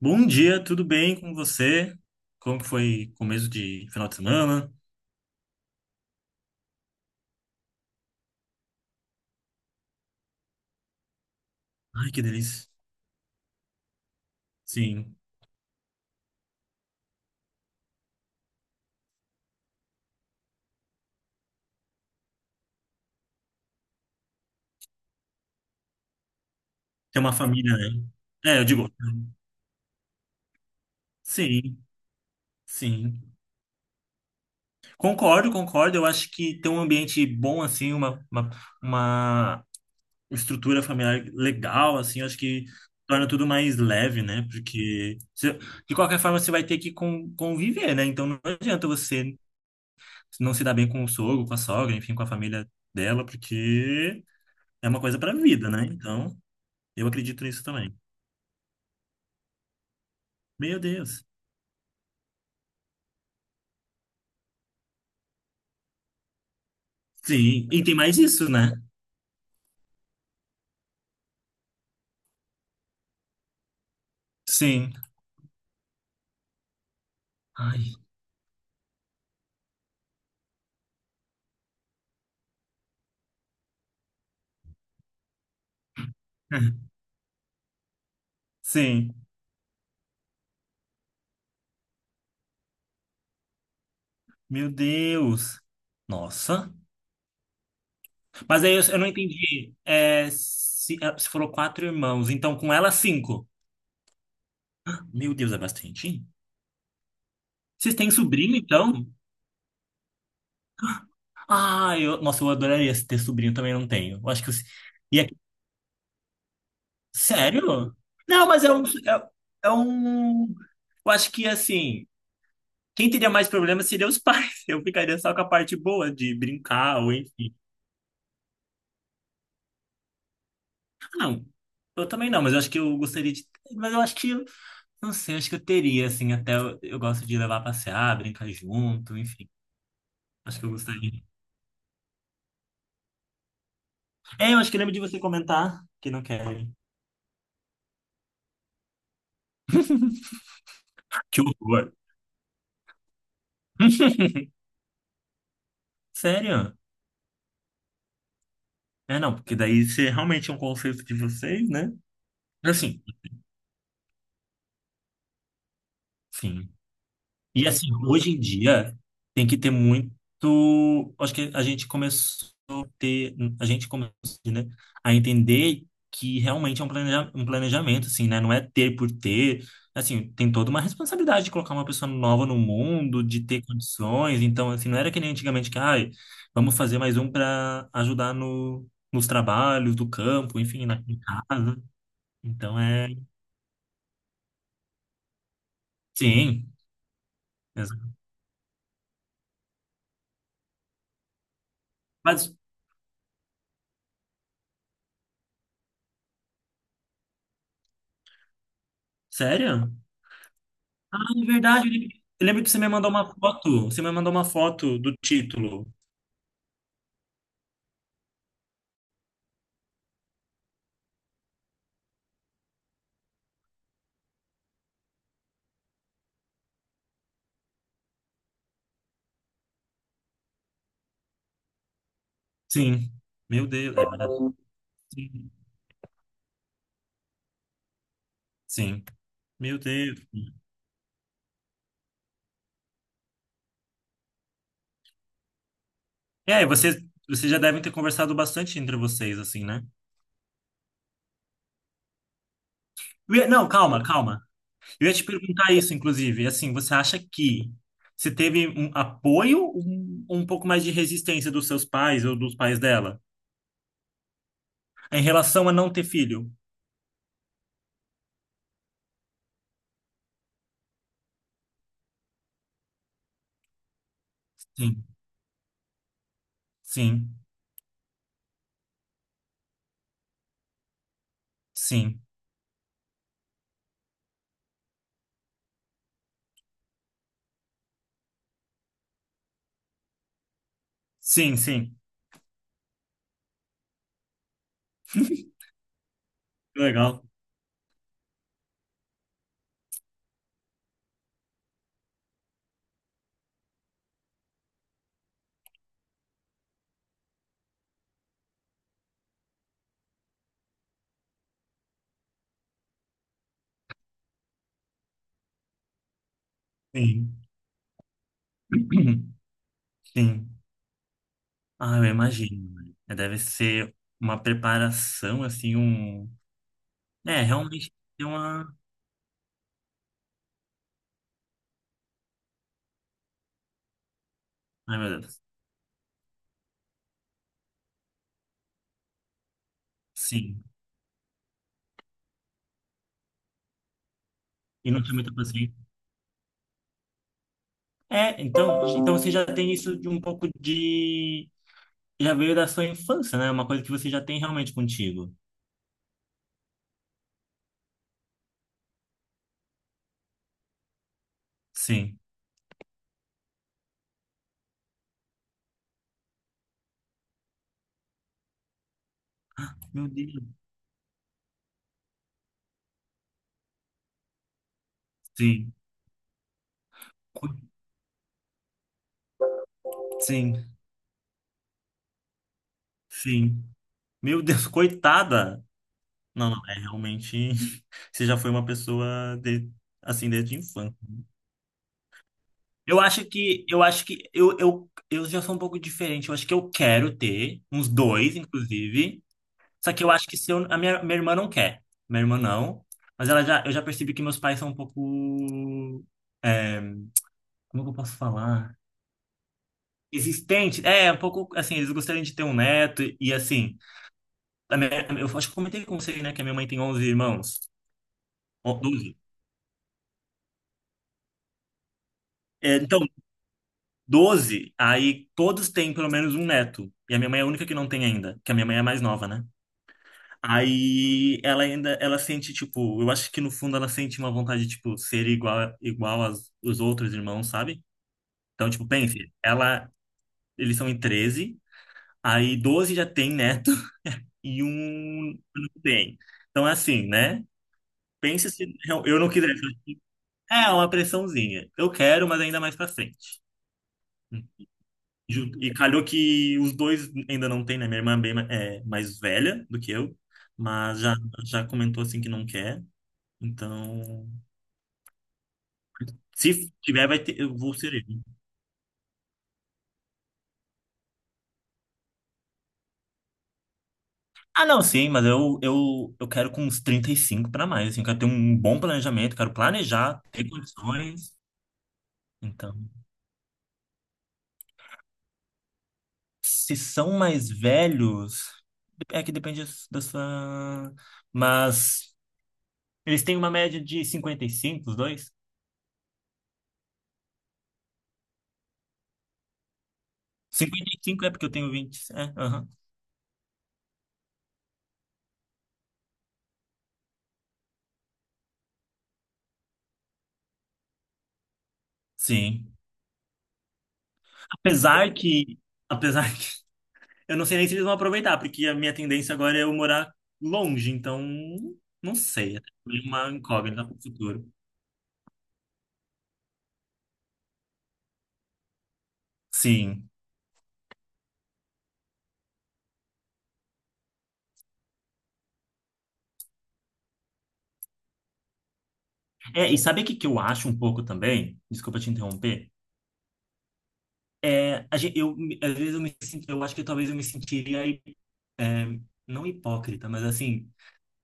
Bom dia, tudo bem com você? Como que foi começo de final de semana? Ai, que delícia. Sim, tem uma família, né? É, eu digo, sim, sim. Concordo, concordo. Eu acho que ter um ambiente bom, assim, uma estrutura familiar legal, assim, eu acho que torna tudo mais leve, né? Porque, de qualquer forma, você vai ter que conviver, né? Então, não adianta você não se dar bem com o sogro, com a sogra, enfim, com a família dela, porque é uma coisa para a vida, né? Então, eu acredito nisso também. Meu Deus. Sim, e tem mais isso, né? Sim. Ai. Sim. Meu Deus. Nossa. Mas aí eu não entendi. É, se foram quatro irmãos, então com ela cinco. Meu Deus, é bastante. Vocês têm sobrinho, então? Ah, eu, nossa, eu adoraria ter sobrinho, também não tenho. Eu acho que e é- sério? Não, mas é um, é, é um. Eu acho que assim. Quem teria mais problemas seria os pais. Eu ficaria só com a parte boa de brincar, ou enfim. Ah, não, eu também não, mas eu acho que eu gostaria de. Mas eu acho que, eu não sei, acho que eu teria, assim, até eu gosto de levar a passear, brincar junto, enfim. Acho que eu gostaria. É, eu acho que lembro de você comentar que não quer. Que horror. Sério? É, não, porque daí você realmente é um conceito de vocês, né? Assim, sim. E assim, hoje em dia tem que ter muito. Acho que a gente começou a ter, a gente começou, né, a entender que realmente é um um planejamento, assim, né? Não é ter por ter. Assim, tem toda uma responsabilidade de colocar uma pessoa nova no mundo, de ter condições. Então, assim, não era que nem antigamente que, ai, vamos fazer mais um para ajudar no, nos trabalhos do campo, enfim, na em casa. Então é. Sim. Exato. Mas, sério? Ah, é verdade. Eu lembro que você me mandou uma foto. Você me mandou uma foto do título. Sim. Meu Deus. É maravilhoso. Sim. Sim. Meu Deus. É, e aí, vocês já devem ter conversado bastante entre vocês, assim, né? Não, calma, calma. Eu ia te perguntar isso, inclusive. Assim, você acha que você teve um apoio ou um pouco mais de resistência dos seus pais ou dos pais dela em relação a não ter filho? Sim, sim, sim. Sim, sim. Legal. Sim. Sim. Ah, eu imagino, né? É, deve ser uma preparação, assim, um. É, realmente tem uma. Ai, meu Deus. Sim. E não tem muita paciência. É, então você já tem isso de um pouco de. Já veio da sua infância, né? É uma coisa que você já tem realmente contigo. Sim. Meu Deus. Sim. Co- Sim. Sim. Meu Deus, coitada! Não, não, é realmente. Você já foi uma pessoa de, assim desde a infância. Eu acho que eu acho que eu já sou um pouco diferente. Eu acho que eu quero ter uns dois, inclusive. Só que eu acho que se eu, a minha irmã não quer. Minha irmã não. Mas eu já percebi que meus pais são um pouco. É, como que eu posso falar? Existente. É, um pouco assim, eles gostariam de ter um neto. E assim, a minha- eu acho que eu comentei com você, né, que a minha mãe tem 11 irmãos. Ó, 12. É, então, 12 aí todos têm pelo menos um neto. E a minha mãe é a única que não tem ainda, que a minha mãe é a mais nova, né? Aí ela sente, tipo, eu acho que no fundo ela sente uma vontade de, tipo, ser igual aos, os outros irmãos, sabe? Então, tipo, pense, eles são em 13 aí 12 já tem neto e um não tem. Então, é assim, né? Pense se eu não quisesse. É uma pressãozinha. Eu quero, mas ainda mais pra frente. E calhou que os dois ainda não tem, né? Minha irmã é bem mais velha do que eu, mas já comentou assim que não quer. Então. Se tiver, vai ter, eu vou ser ele. Ah, não, sim, mas eu quero com uns 35 para mais, assim, eu quero ter um bom planejamento, quero planejar, ter condições. Então, se são mais velhos, é que depende da sua... Mas eles têm uma média de 55 os dois? Cinquenta e cinco é porque eu tenho 20 é, aham. Sim. Apesar que, apesar eu não sei nem se eles vão aproveitar, porque a minha tendência agora é eu morar longe, então não sei. É uma incógnita para o futuro. Sim. É, e sabe o que que eu acho um pouco também? Desculpa te interromper. É, a gente, às vezes eu me sinto, eu acho que talvez eu me sentiria, é, não hipócrita, mas assim,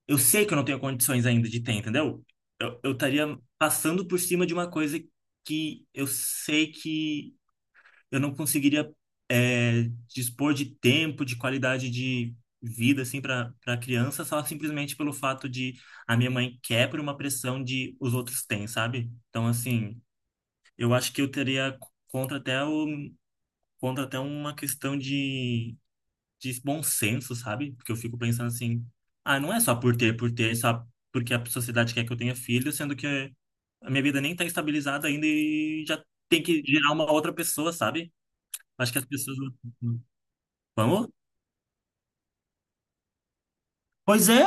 eu sei que eu não tenho condições ainda de ter, entendeu? Eu estaria passando por cima de uma coisa que eu sei que eu não conseguiria dispor de tempo, de qualidade de vida, assim, para criança, só simplesmente pelo fato de a minha mãe quer por uma pressão de os outros têm, sabe? Então, assim, eu acho que eu teria contra até o, contra até uma questão de, bom senso, sabe? Porque eu fico pensando assim, ah, não é só por ter, é só porque a sociedade quer que eu tenha filho, sendo que a minha vida nem tá estabilizada ainda e já tem que gerar uma outra pessoa, sabe? Acho que as pessoas... Vamos? Pois é,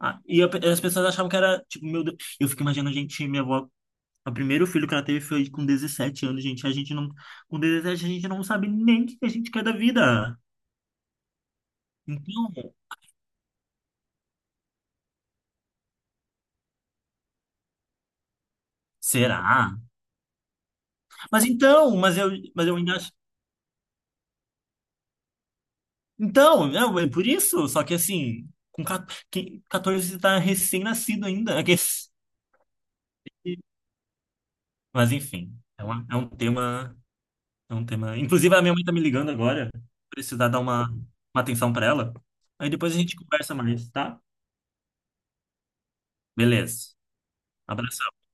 ah, as pessoas achavam que era, tipo, meu Deus. Eu fico imaginando a gente, minha avó, o primeiro filho que ela teve foi com 17 anos, gente. A gente não, Com 17 a gente não sabe nem o que a gente quer da vida. Então, será? Mas então, mas eu ainda acho. Então, é por isso. Só que assim, com 14 você tá recém-nascido ainda. Mas enfim, é um tema. Inclusive, a minha mãe tá me ligando agora. Precisar dar uma atenção pra ela. Aí depois a gente conversa mais, tá? Beleza. Abração.